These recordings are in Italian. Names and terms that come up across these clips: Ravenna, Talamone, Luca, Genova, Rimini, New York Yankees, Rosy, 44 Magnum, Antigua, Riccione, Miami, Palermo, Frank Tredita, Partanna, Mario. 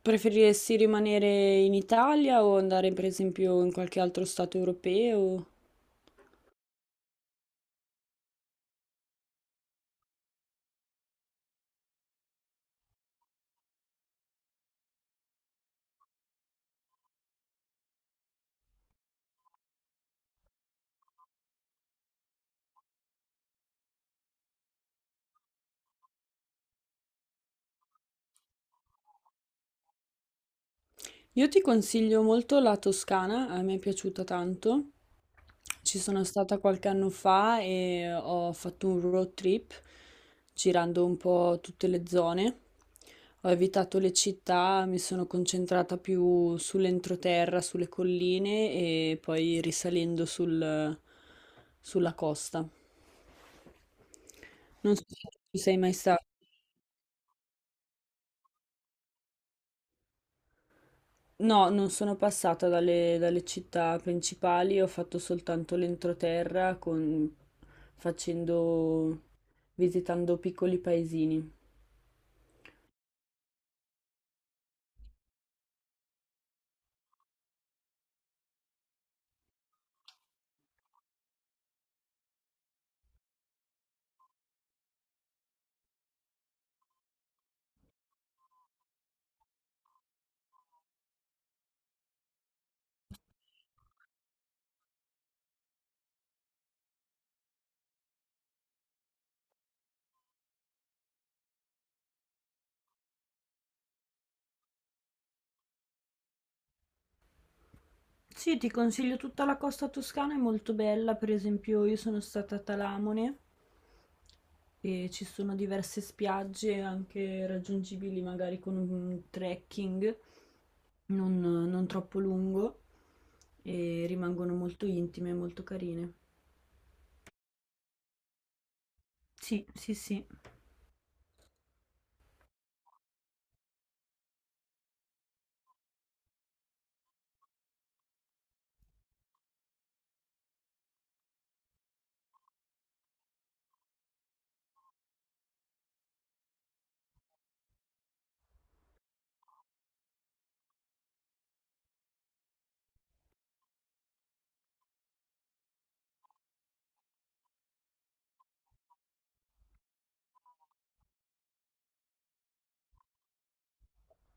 Preferiresti rimanere in Italia o andare per esempio in qualche altro stato europeo? Io ti consiglio molto la Toscana, a me è piaciuta tanto. Ci sono stata qualche anno fa e ho fatto un road trip girando un po' tutte le zone. Ho evitato le città, mi sono concentrata più sull'entroterra, sulle colline e poi sulla costa. Non so se tu ci sei mai stato. No, non sono passata dalle città principali, ho fatto soltanto l'entroterra facendo, visitando piccoli paesini. Sì, ti consiglio tutta la costa toscana, è molto bella, per esempio io sono stata a Talamone e ci sono diverse spiagge anche raggiungibili magari con un trekking non troppo lungo e rimangono molto intime e molto carine. Sì, sì, sì.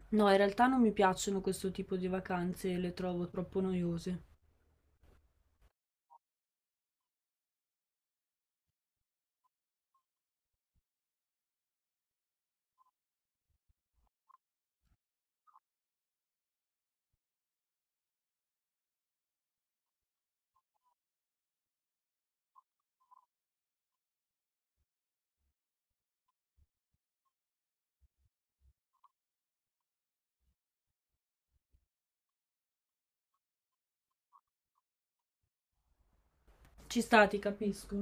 No, in realtà non mi piacciono questo tipo di vacanze, le trovo troppo noiose. Ci sta, ti capisco.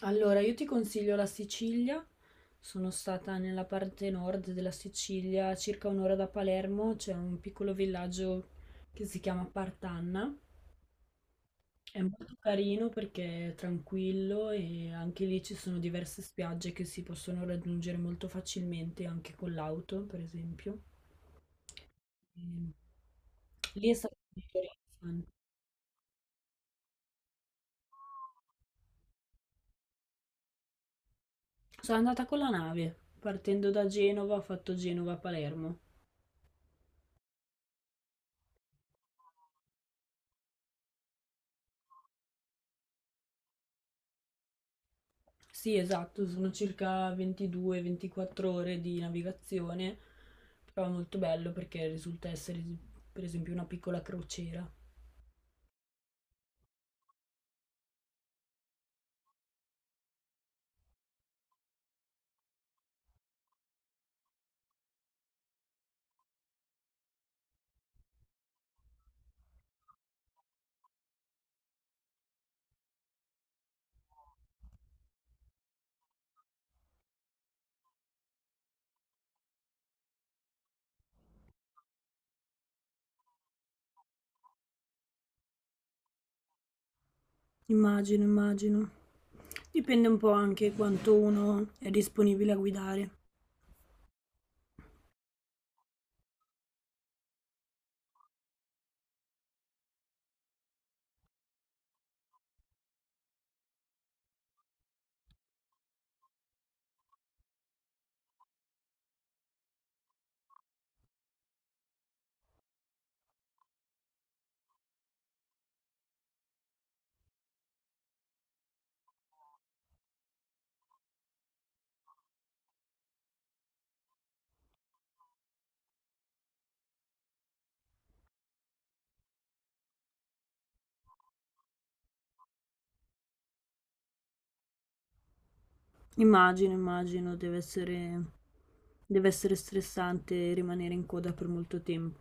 Allora, io ti consiglio la Sicilia. Sono stata nella parte nord della Sicilia, a circa un'ora da Palermo, c'è un piccolo villaggio che si chiama Partanna. È molto carino perché è tranquillo e anche lì ci sono diverse spiagge che si possono raggiungere molto facilmente anche con l'auto, per esempio. Ehm, Lì è stato molto rilassante. Sono andata con la nave, partendo da Genova, ho fatto Genova-Palermo. Sì, esatto, sono circa 22-24 ore di navigazione, però è molto bello perché risulta essere, per esempio, una piccola crociera. Immagino, immagino. Dipende un po' anche quanto uno è disponibile a guidare. Immagino, immagino, deve essere stressante rimanere in coda per molto tempo.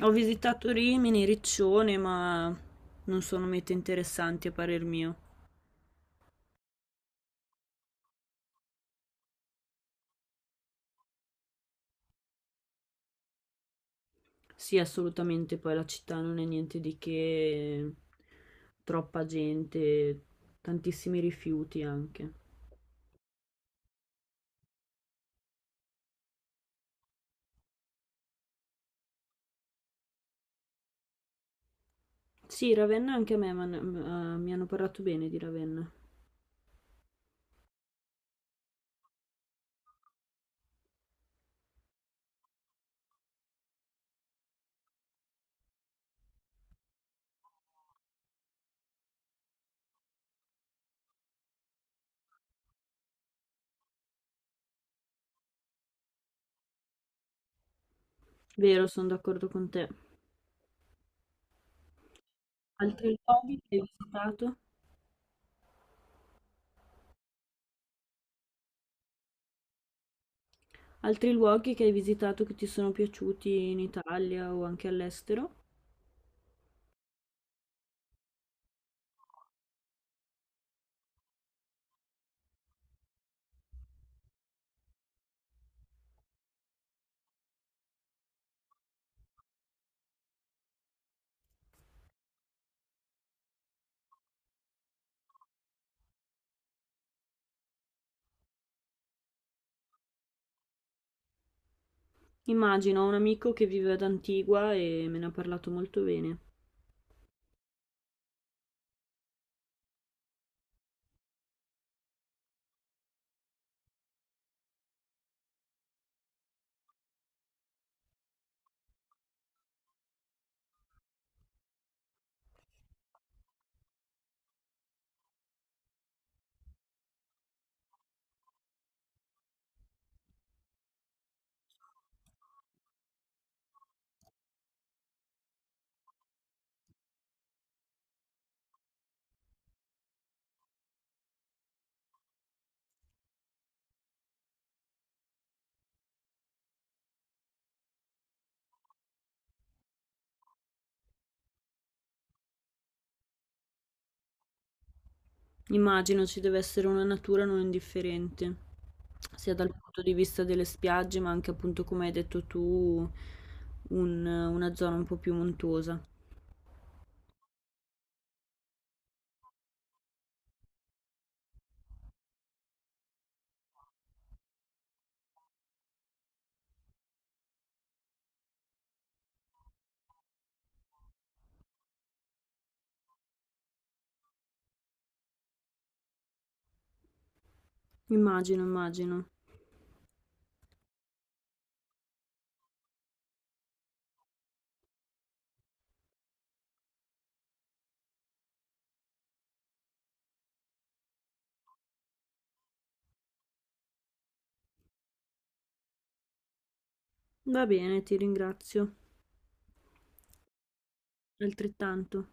Ho visitato Rimini, Riccione, ma non sono mete interessanti a parer mio. Sì, assolutamente, poi la città non è niente di che, troppa gente, tantissimi rifiuti anche. Sì, Ravenna anche a mi hanno parlato bene di Ravenna. Vero, sono d'accordo con te. Altri luoghi che hai visitato? Altri luoghi che hai visitato che ti sono piaciuti in Italia o anche all'estero? Immagino, ho un amico che vive ad Antigua e me ne ha parlato molto bene. Immagino ci deve essere una natura non indifferente, sia dal punto di vista delle spiagge, ma anche appunto, come hai detto tu, una zona un po' più montuosa. Immagino, immagino. Va bene, ti ringrazio. Altrettanto.